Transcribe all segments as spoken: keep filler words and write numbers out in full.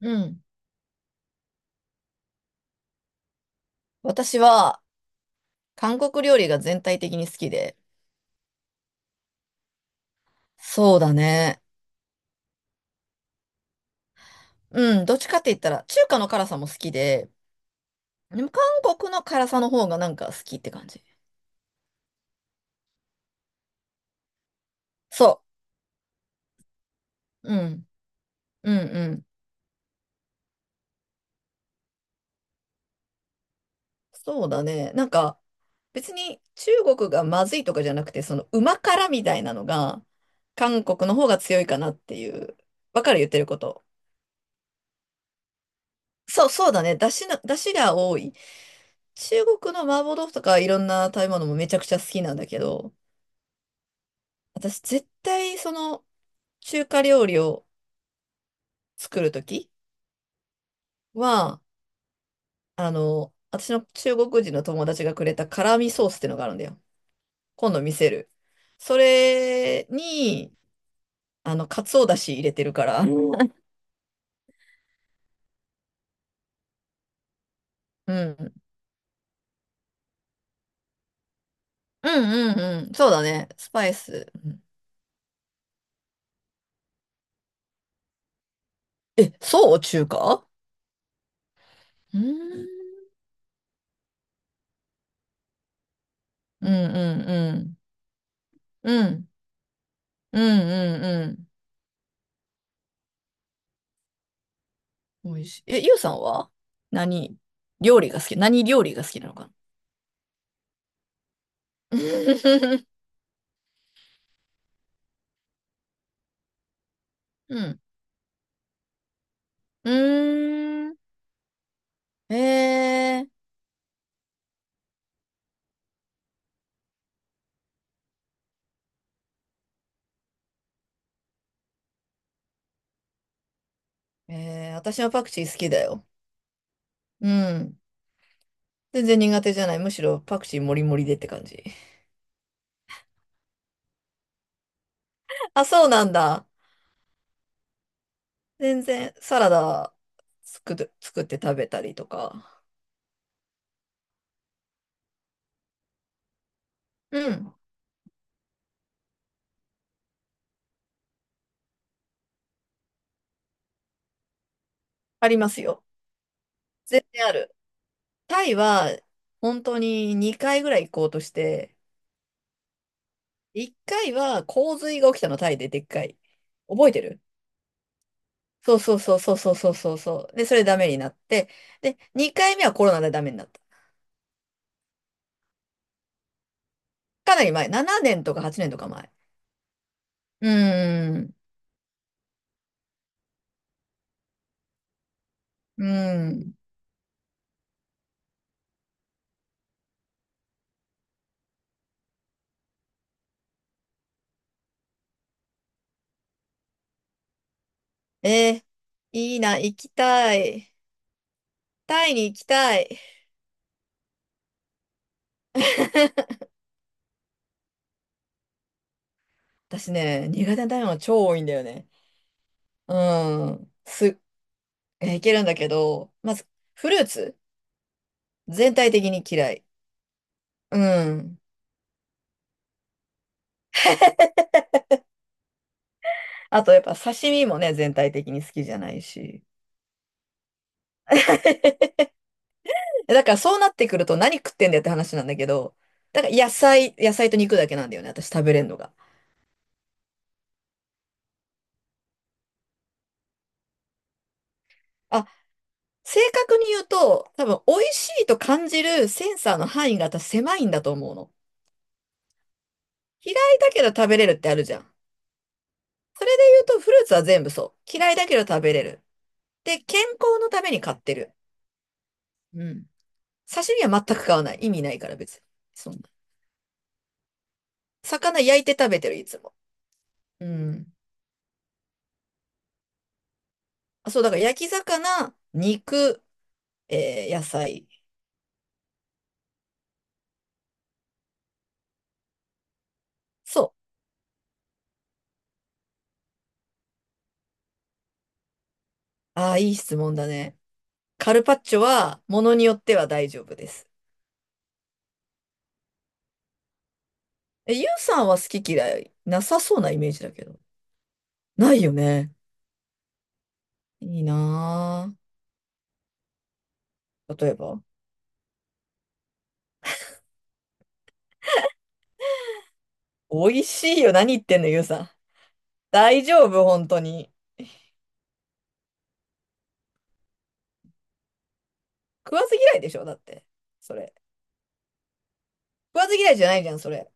うん。私は韓国料理が全体的に好きで。そうだね。うん。どっちかって言ったら、中華の辛さも好きで、でも韓国の辛さの方がなんか好きって感じ。そう。うん。うんうん。そうだね。なんか、別に中国がまずいとかじゃなくて、その旨辛みたいなのが、韓国の方が強いかなっていう。わかる、言ってること。そう、そうだね。出汁の、出汁が多い。中国の麻婆豆腐とかいろんな食べ物もめちゃくちゃ好きなんだけど、私絶対その中華料理を作るときは、あの、私の中国人の友達がくれた辛味ソースってのがあるんだよ。今度見せる。それに、あの、かつおだし入れてるから。うん。うんうんうん。そうだね。スパイス。うん。え、そう、中華。うん。うんうんうん。うん。うんうんうん。美味しい。え、ゆうさんは何料理が好き何料理が好きなのかな？ うん。うーん。ええ。えー、私はパクチー好きだよ。うん。全然苦手じゃない。むしろパクチーもりもりでって感じ。あ、そうなんだ。全然サラダ作る、作って食べたりとか。うん。ありますよ。全然ある。タイは本当ににかいぐらい行こうとして、いっかいは洪水が起きたの、タイででっかい。覚えてる？そうそうそうそうそうそうそうそう。で、それダメになって、で、にかいめはコロナでダメになった。かなり前。ななねんとかはちねんとか前。うーん。うーん。えー、いいな、行きたい。タイに行きたい。私ね、苦手な食べ物超多いんだよね。うーん。す、えー、いけるんだけど、まず、フルーツ全体的に嫌い。うん。あと、やっぱ刺身もね、全体的に好きじゃないし。え、だからそうなってくると何食ってんだよって話なんだけど、だから野菜、野菜と肉だけなんだよね、私食べれんのが。あ、正確に言うと、多分、美味しいと感じるセンサーの範囲が私狭いんだと思うの。嫌いだけど食べれるってあるじゃん。それで言うと、フルーツは全部そう。嫌いだけど食べれる。で、健康のために買ってる。うん。刺身は全く買わない。意味ないから別に。そんな。魚焼いて食べてる、いつも。うん。あ、そう、だから焼き魚、肉、えー野菜。そう。ああ、いい質問だね。カルパッチョは、ものによっては大丈夫です。え、ゆうさんは好き嫌いなさそうなイメージだけど。ないよね。いいなぁ。例えば。美味しいよ。何言ってんの、ゆうさん。大丈夫、本当に。食わず嫌いでしょ、だって。それ。食わず嫌いじゃないじゃん、それ。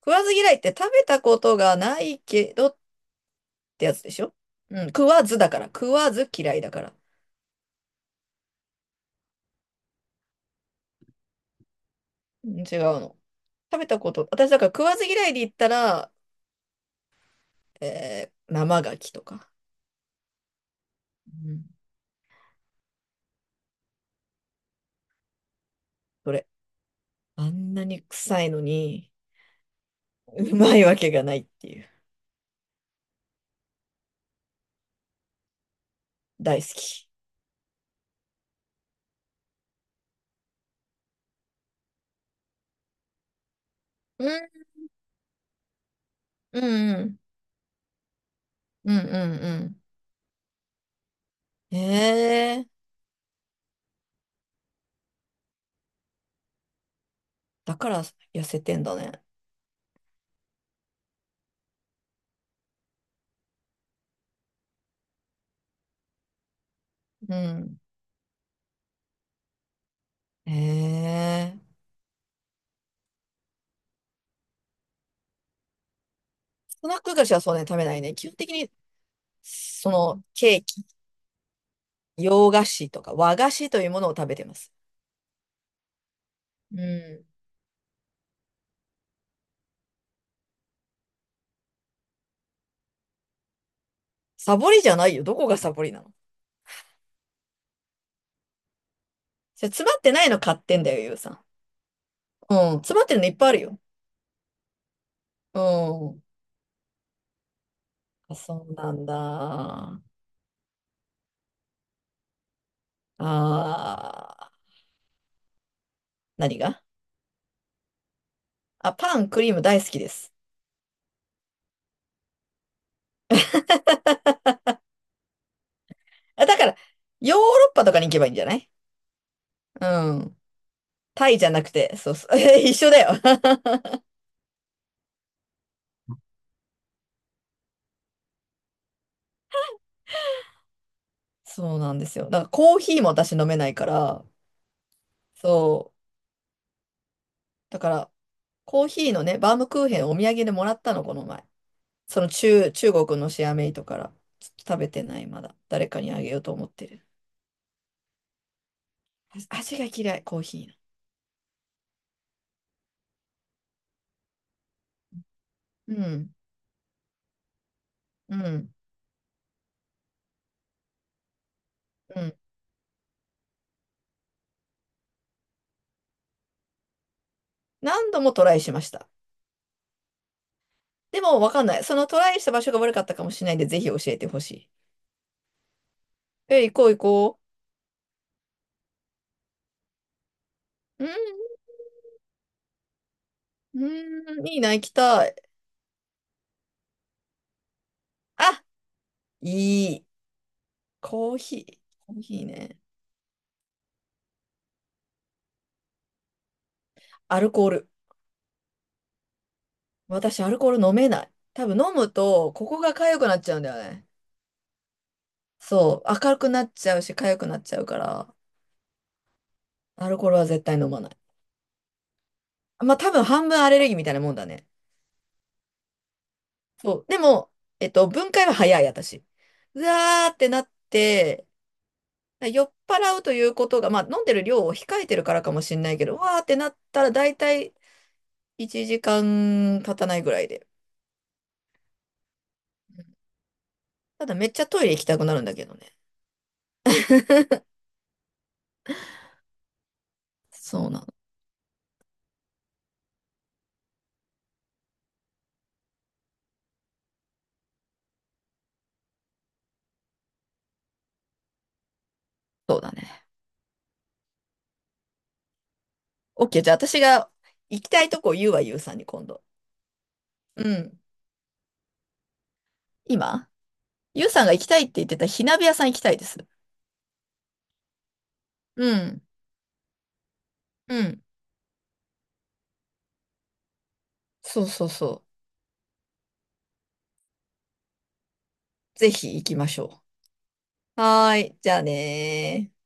食わず嫌いって食べたことがないけどってやつでしょ？うん。食わずだから。食わず嫌いだから。うん違うの。食べたこと。私だから食わず嫌いで言ったら、えー、生牡蠣とか。うん。それ。あんなに臭いのに。うまいわけがないっていう。大好き。うん、うん、うん、うん、うんうん。へえ。だから痩せてんだね。うん、うん。へえ。スナック菓子はそうね、食べないね。基本的に、その、ケーキ、洋菓子とか和菓子というものを食べてます。うん。サボりじゃないよ。どこがサボりなの？それ詰まってないの買ってんだよ、ゆうさん。うん、詰まってるのいっぱいあるよ。うん。あ、そうなんだ。ああ、何が？あ、パン、クリーム大好きです。あ、だから、ヨーロッパとかに行けばいいんじゃない？うん。タイじゃなくて、そうそう。一緒だよ。そうなんですよ。だからコーヒーも私飲めないから、そう。だから、コーヒーのね、バームクーヘンお土産でもらったの、この前。その中、中国のシェアメイトから。ちょっと食べてない、まだ。誰かにあげようと思ってる。あ、味が嫌い、コーヒーの。うん、うん、うん。何度もトライしました。でも、わかんない。そのトライした場所が悪かったかもしれないんで、ぜひ教えてほしい。え、行こう行こう。うん、うん、いいな、行きたい。あ、いい。コーヒー。コーヒーね。アルコール。私、アルコール飲めない。多分飲むと、ここが痒くなっちゃうんだよね。そう。明るくなっちゃうし、痒くなっちゃうから、アルコールは絶対飲まない。まあ、多分半分アレルギーみたいなもんだね。そう。でも、えっと、分解は早い、私。うわーってなって、酔っ払うということが、まあ、飲んでる量を控えてるからかもしれないけど、うわーってなったら、大体、いちじかん経たないぐらいで。ただめっちゃトイレ行きたくなるんだけどね。そうなの。そうだね。オーケー。じゃあ私が行きたいとこ言うわ、ゆうさんに今度。うん。今ゆうさんが行きたいって言ってた火鍋屋さん行きたいです。うん。うん。そうそうそう。ぜひ行きましょう。はーい。じゃあねー。